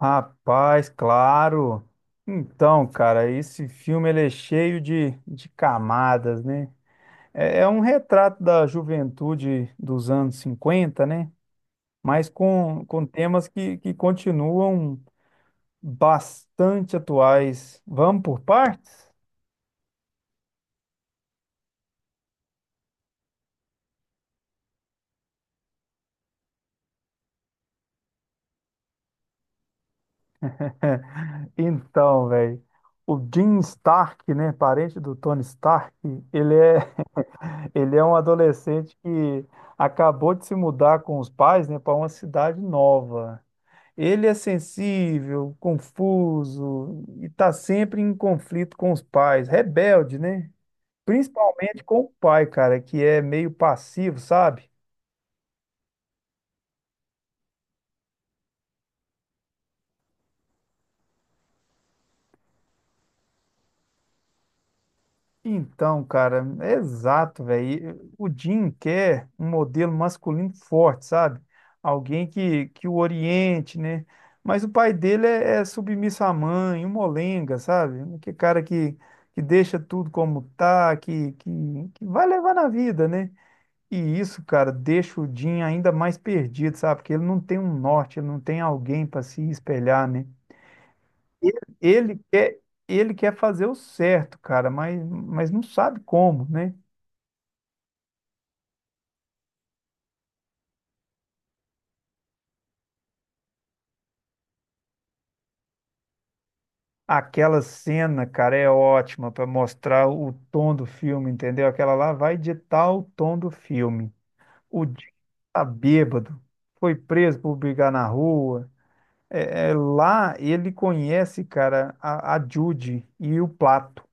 Rapaz, claro. Então, cara, esse filme ele é cheio de camadas, né? É um retrato da juventude dos anos 50, né? Mas com temas que continuam bastante atuais. Vamos por partes? Então, velho, o Jim Stark, né, parente do Tony Stark, ele é, ele é um adolescente que acabou de se mudar com os pais, né, para uma cidade nova. Ele é sensível, confuso e está sempre em conflito com os pais, rebelde, né? Principalmente com o pai, cara, que é meio passivo, sabe? Então, cara, é exato, velho. O Jim quer um modelo masculino forte, sabe? Alguém que o oriente, né? Mas o pai dele é, é submisso à mãe, um molenga, sabe? Que cara que deixa tudo como tá, que vai levar na vida, né? E isso, cara, deixa o Jim ainda mais perdido, sabe? Porque ele não tem um norte, ele não tem alguém para se espelhar, né? Ele, ele quer, ele quer fazer o certo, cara, mas não sabe como, né? Aquela cena, cara, é ótima para mostrar o tom do filme, entendeu? Aquela lá vai ditar o tom do filme. O Jim tá bêbado, foi preso por brigar na rua. Lá ele conhece, cara, a Judy e o Plato.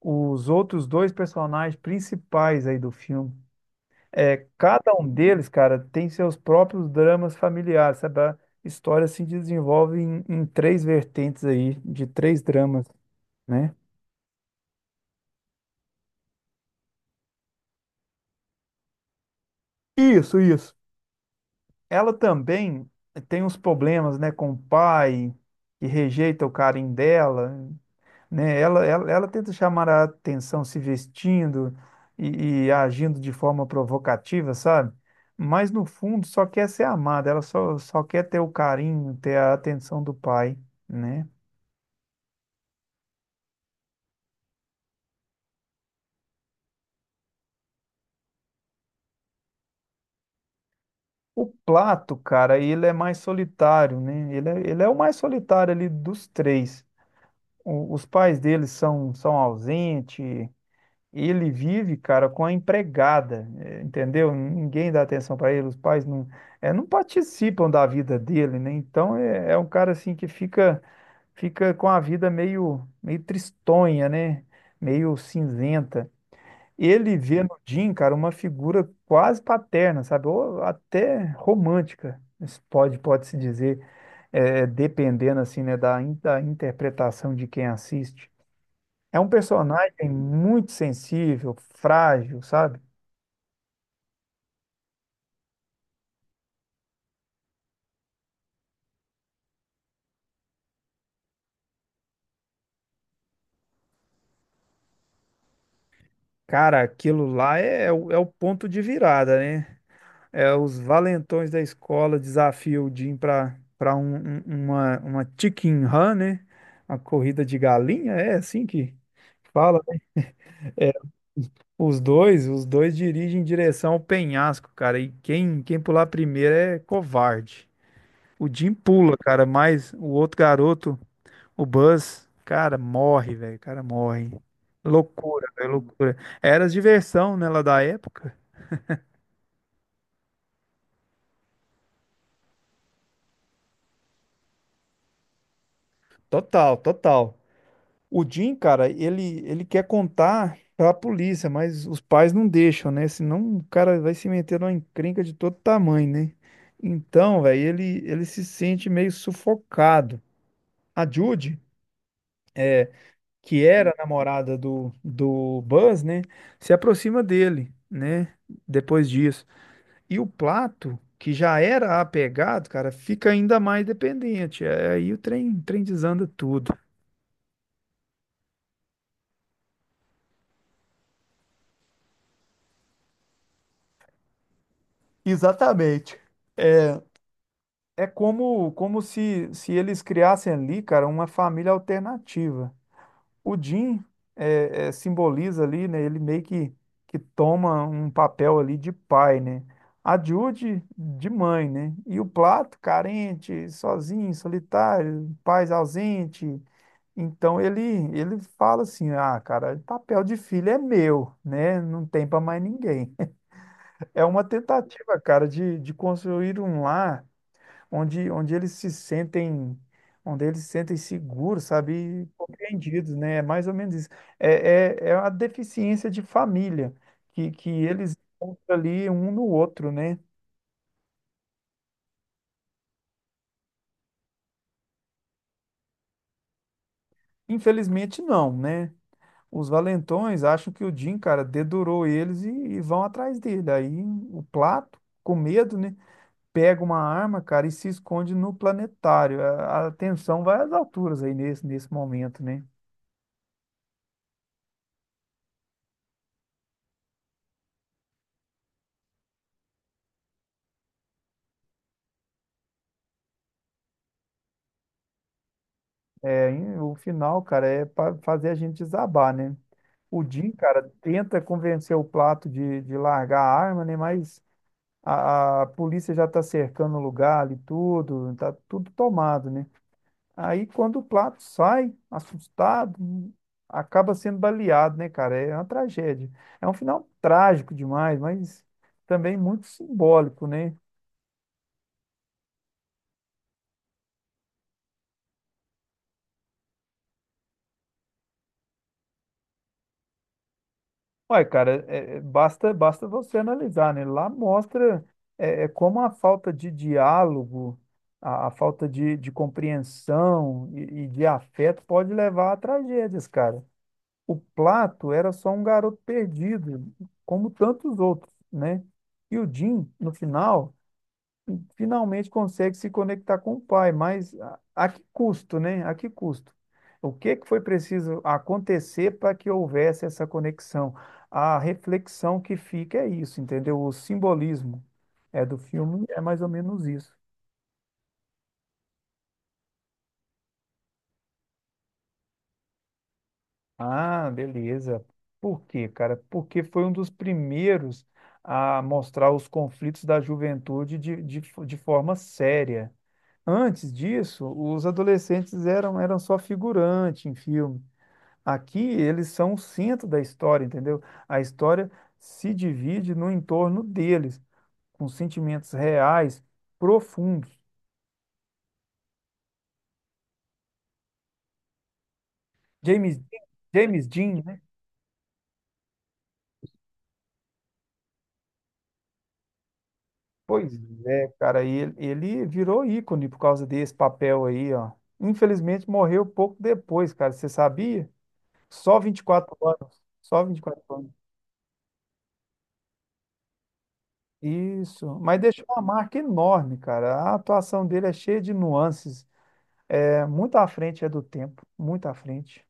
Os outros dois personagens principais aí do filme. Cada um deles, cara, tem seus próprios dramas familiares, sabe? A história se desenvolve em três vertentes aí, de três dramas, né? Isso, isso. Ela também tem uns problemas, né, com o pai, que rejeita o carinho dela. Né? Ela tenta chamar a atenção se vestindo e agindo de forma provocativa, sabe? Mas no fundo só quer ser amada, só quer ter o carinho, ter a atenção do pai, né? O Plato, cara, ele é mais solitário, né? Ele é o mais solitário ali dos três. O- os pais dele são ausentes, ele vive, cara, com a empregada, entendeu? Ninguém dá atenção para ele, os pais não, não participam da vida dele, né? Então é, é um cara assim que fica com a vida meio tristonha, né? Meio cinzenta. Ele vê no Jim, cara, uma figura quase paterna, sabe? Ou até romântica, se pode se dizer, dependendo assim, né, da, da interpretação de quem assiste. É um personagem muito sensível, frágil, sabe? Cara, aquilo lá é o ponto de virada, né? É, os valentões da escola desafiam o Jim pra uma chicken run, né? Uma corrida de galinha, é assim que fala. Né? É, os dois dirigem em direção ao penhasco, cara. E quem pular primeiro é covarde. O Jim pula, cara, mas o outro garoto. O Buzz, cara, morre, velho. O cara morre. Loucura, velho, loucura. Era diversão, né, lá da época. Total, total. O Jim, cara, ele quer contar pra polícia, mas os pais não deixam, né? Senão o cara vai se meter numa encrenca de todo tamanho, né? Então, velho, ele se sente meio sufocado. A Judy, que era a namorada do Buzz, né, se aproxima dele, né, depois disso. E o Plato, que já era apegado, cara, fica ainda mais dependente. É, aí o trem desanda tudo. Exatamente. É como, como se eles criassem ali, cara, uma família alternativa. O Jim simboliza ali, né? Ele meio que toma um papel ali de pai, né? A Judy de mãe, né? E o Plato, carente, sozinho, solitário, pais ausente. Então ele fala assim: "Ah, cara, papel de filho é meu, né? Não tem para mais ninguém". É uma tentativa, cara, de construir um lar onde eles se sentem onde eles se sentem seguros, sabe? E compreendidos, né? É mais ou menos isso. É a deficiência de família que eles encontram ali um no outro, né? Infelizmente não, né? Os valentões acham que o Jim, cara, dedurou eles e vão atrás dele. Aí o Plato, com medo, né, pega uma arma, cara, e se esconde no planetário. A tensão vai às alturas aí nesse momento, né? É, e o final, cara, é para fazer a gente desabar, né? O Jim, cara, tenta convencer o Plato de largar a arma, né? Mas a polícia já tá cercando o lugar ali, tudo, tá tudo tomado, né? Aí quando o Plato sai, assustado, acaba sendo baleado, né, cara? É uma tragédia. É um final trágico demais, mas também muito simbólico, né? Olha, cara, basta você analisar, né? Lá mostra como a falta de diálogo, a falta de compreensão e de afeto pode levar a tragédias, cara. O Plato era só um garoto perdido, como tantos outros, né? E o Jim, no finalmente consegue se conectar com o pai, mas a que custo, né? A que custo? O que que foi preciso acontecer para que houvesse essa conexão? A reflexão que fica é isso, entendeu? O simbolismo do filme é mais ou menos isso. Ah, beleza. Por quê, cara? Porque foi um dos primeiros a mostrar os conflitos da juventude de forma séria. Antes disso, os adolescentes eram só figurante em filme. Aqui eles são o centro da história, entendeu? A história se divide no entorno deles, com sentimentos reais, profundos. James, James Dean, né? Pois é, cara, ele virou ícone por causa desse papel aí, ó. Infelizmente morreu pouco depois, cara, você sabia? Só 24 anos, só 24 anos. Isso, mas deixou uma marca enorme, cara. A atuação dele é cheia de nuances, é muito à frente do tempo, muito à frente.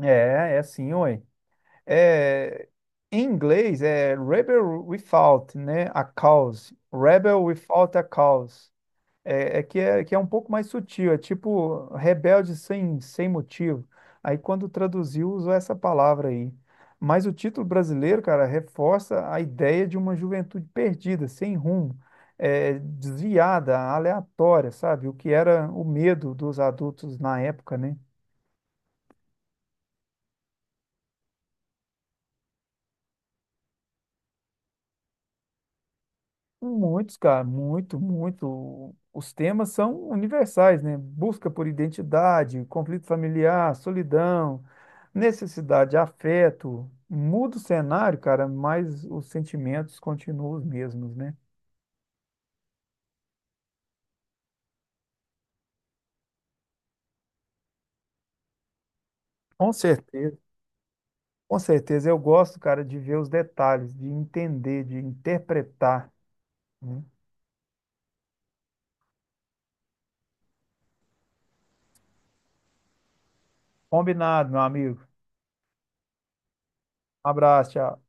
É, é assim, oi. É, em inglês é rebel without, né, a cause. Rebel without a cause. É que é um pouco mais sutil, é tipo rebelde sem motivo. Aí quando traduziu usou essa palavra aí. Mas o título brasileiro, cara, reforça a ideia de uma juventude perdida, sem rumo, é, desviada, aleatória, sabe? O que era o medo dos adultos na época, né? Muitos, cara, muito, muito. Os temas são universais, né? Busca por identidade, conflito familiar, solidão, necessidade, afeto. Muda o cenário, cara, mas os sentimentos continuam os mesmos, né? Com certeza. Com certeza. Eu gosto, cara, de ver os detalhes, de entender, de interpretar. Né? Combinado, meu amigo. Abraço, tchau.